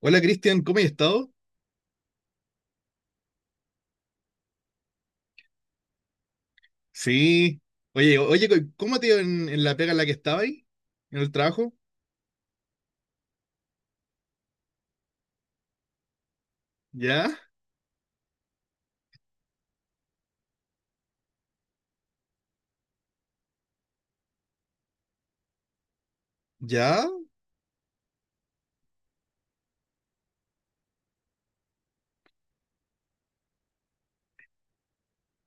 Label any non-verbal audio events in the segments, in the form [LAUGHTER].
Hola Cristian, ¿cómo has estado? Sí. Oye, ¿cómo te iba en la pega en la que estaba ahí? ¿En el trabajo? ¿Ya? ¿Ya?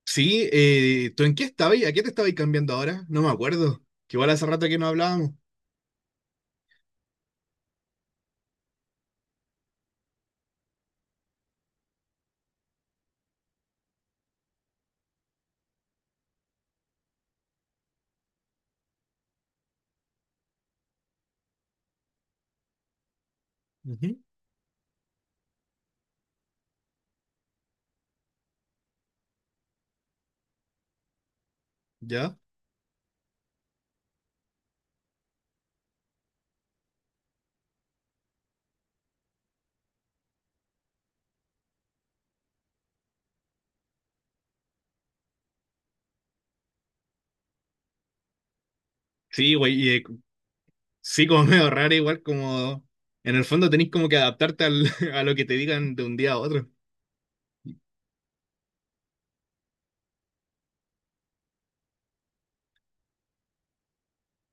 Sí, ¿tú en qué estabas? ¿A qué te estabas cambiando ahora? No me acuerdo. Que igual hace rato que no hablábamos. Ujú. ¿Ya? Sí, güey, sí, como [LAUGHS] medio raro, igual como en el fondo tenés como que [LAUGHS] a lo que te digan de un día a otro.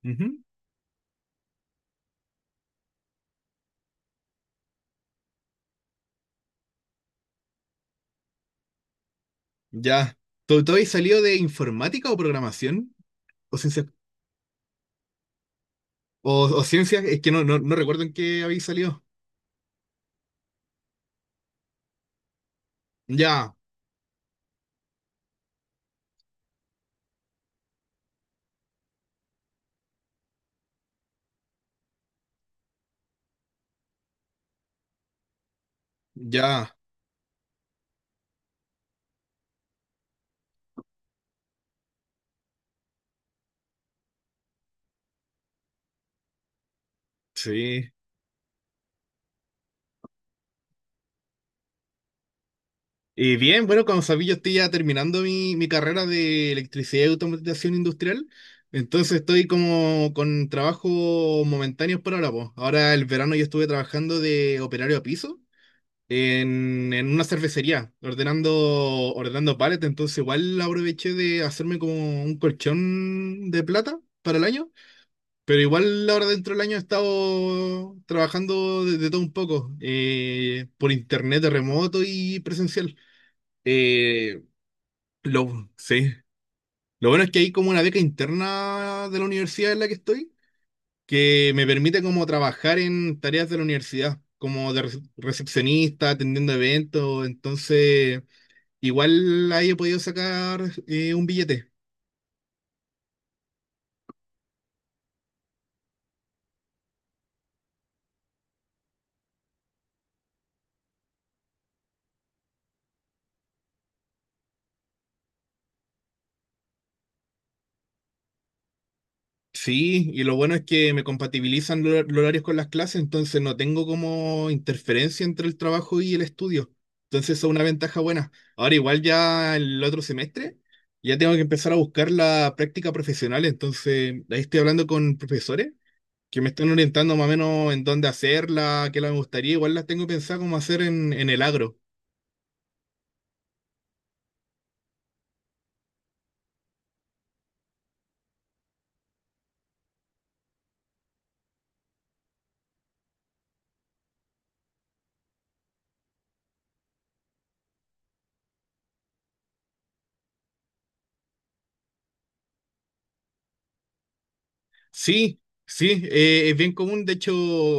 Ujú. Ya. ¿Tú habías salido de informática o programación? ¿O ciencias? O, o ciencias, es que no recuerdo en qué habéis salido. Ya. Ya, sí. Y bien, bueno, como sabía, yo estoy ya terminando mi carrera de electricidad y automatización industrial. Entonces estoy como con trabajo momentáneos por ahora, po. Ahora el verano yo estuve trabajando de operario a piso en una cervecería, ordenando pallets. Entonces igual aproveché de hacerme como un colchón de plata para el año. Pero igual ahora dentro del año he estado trabajando de todo un poco, por internet de remoto y presencial. Eh, sí. Lo bueno es que hay como una beca interna de la universidad en la que estoy, que me permite como trabajar en tareas de la universidad, como de recepcionista, atendiendo eventos, entonces igual ahí he podido sacar un billete. Sí, y lo bueno es que me compatibilizan los horarios con las clases, entonces no tengo como interferencia entre el trabajo y el estudio. Entonces eso es una ventaja buena. Ahora igual ya el otro semestre ya tengo que empezar a buscar la práctica profesional, entonces ahí estoy hablando con profesores que me están orientando más o menos en dónde hacerla, qué la me gustaría, igual las tengo pensado como hacer en el agro. Sí, sí, es bien común. De hecho,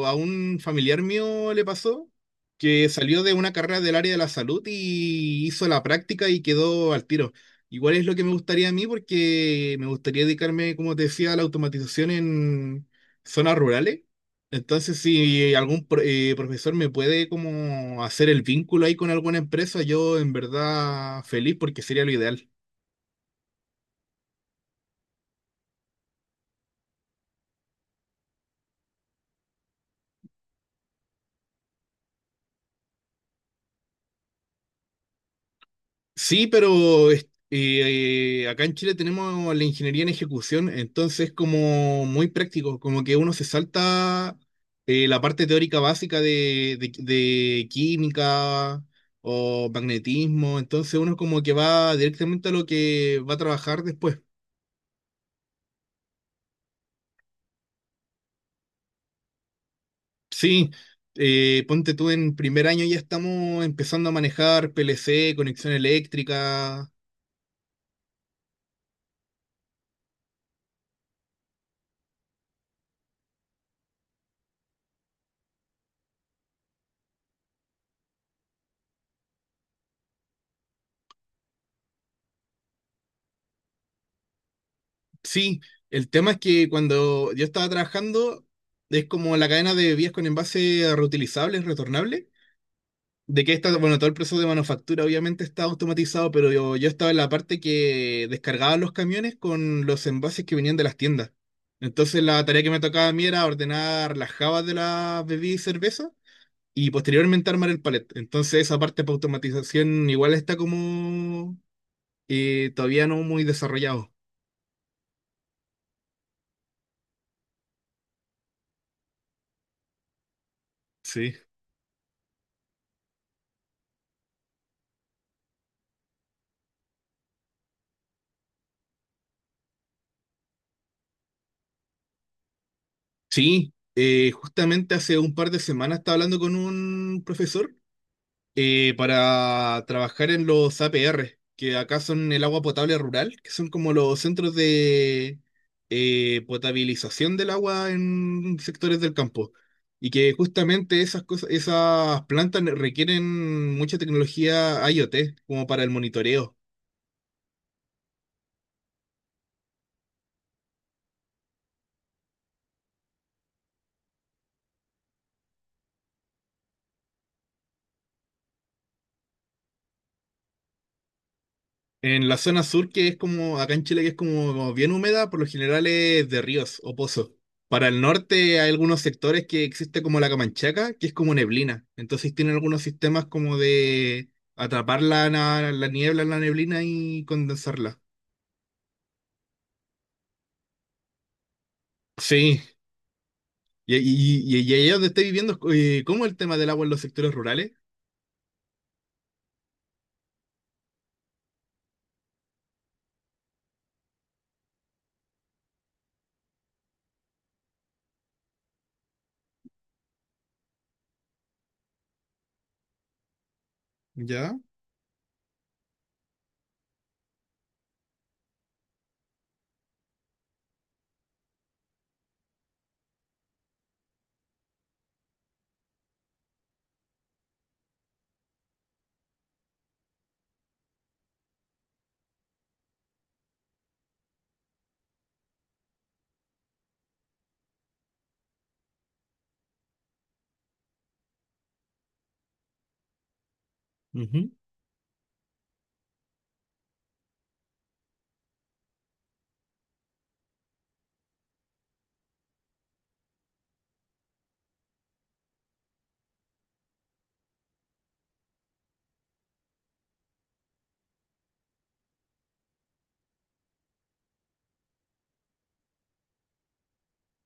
a un familiar mío le pasó que salió de una carrera del área de la salud y hizo la práctica y quedó al tiro. Igual es lo que me gustaría a mí porque me gustaría dedicarme, como te decía, a la automatización en zonas rurales. Entonces, si profesor me puede como hacer el vínculo ahí con alguna empresa, yo en verdad feliz porque sería lo ideal. Sí, pero acá en Chile tenemos la ingeniería en ejecución, entonces es como muy práctico, como que uno se salta la parte teórica básica de química o magnetismo, entonces uno como que va directamente a lo que va a trabajar después. Sí, ponte tú en primer año ya estamos empezando a manejar PLC, conexión eléctrica. Sí, el tema es que cuando yo estaba trabajando, es como la cadena de vías con envase reutilizables, retornables, de que esta, bueno, todo el proceso de manufactura obviamente está automatizado, pero yo estaba en la parte que descargaba los camiones con los envases que venían de las tiendas. Entonces la tarea que me tocaba a mí era ordenar las jabas de las bebidas y cerveza y posteriormente armar el palet. Entonces esa parte para automatización igual está como todavía no muy desarrollado. Sí. Sí, justamente hace un par de semanas estaba hablando con un profesor para trabajar en los APR, que acá son el agua potable rural, que son como los centros de potabilización del agua en sectores del campo. Y que justamente esas cosas, esas plantas requieren mucha tecnología IoT, como para el monitoreo. En la zona sur, que es como acá en Chile, que es como, como bien húmeda, por lo general es de ríos o pozos. Para el norte hay algunos sectores que existe como la Camanchaca, que es como neblina. Entonces tienen algunos sistemas como de atrapar la niebla en la neblina y condensarla. Sí, y allá donde estoy viviendo, ¿cómo es el tema del agua en los sectores rurales? ¿Ya? Ujú,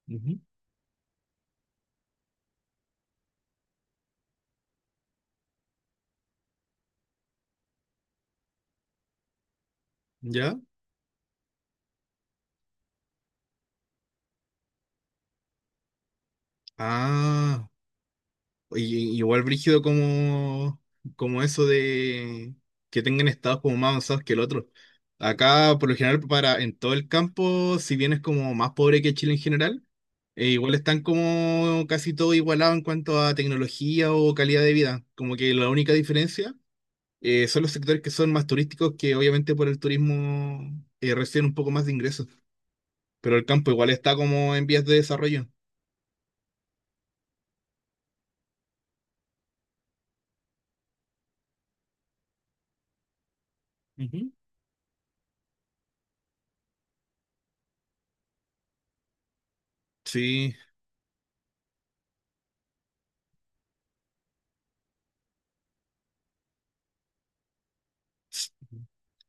ujú. ¿Ya? Ah. Y- igual brígido como, como eso de que tengan estados como más avanzados que el otro. Acá, por lo general, para, en todo el campo, si bien es como más pobre que Chile en general, igual están como casi todo igualado en cuanto a tecnología o calidad de vida. Como que la única diferencia son los sectores que son más turísticos, que obviamente por el turismo reciben un poco más de ingresos. Pero el campo igual está como en vías de desarrollo. Ujú. Sí.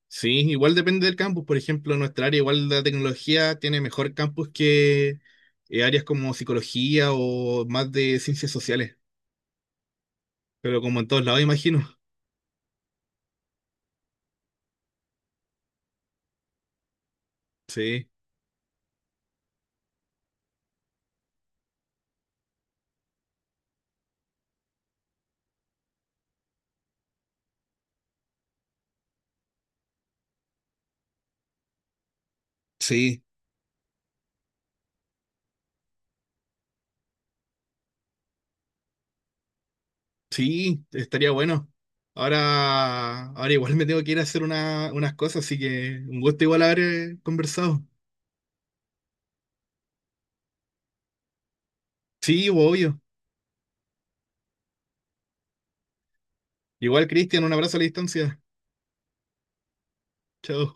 Sí, igual depende del campus. Por ejemplo, nuestra área, igual la tecnología, tiene mejor campus que áreas como psicología o más de ciencias sociales. Pero como en todos lados, imagino. Sí, sí, sí, estaría bueno. Ahora, ahora igual me tengo que ir a hacer unas cosas, así que un gusto igual haber conversado. Sí, obvio. Igual, Cristian, un abrazo a la distancia. Chao.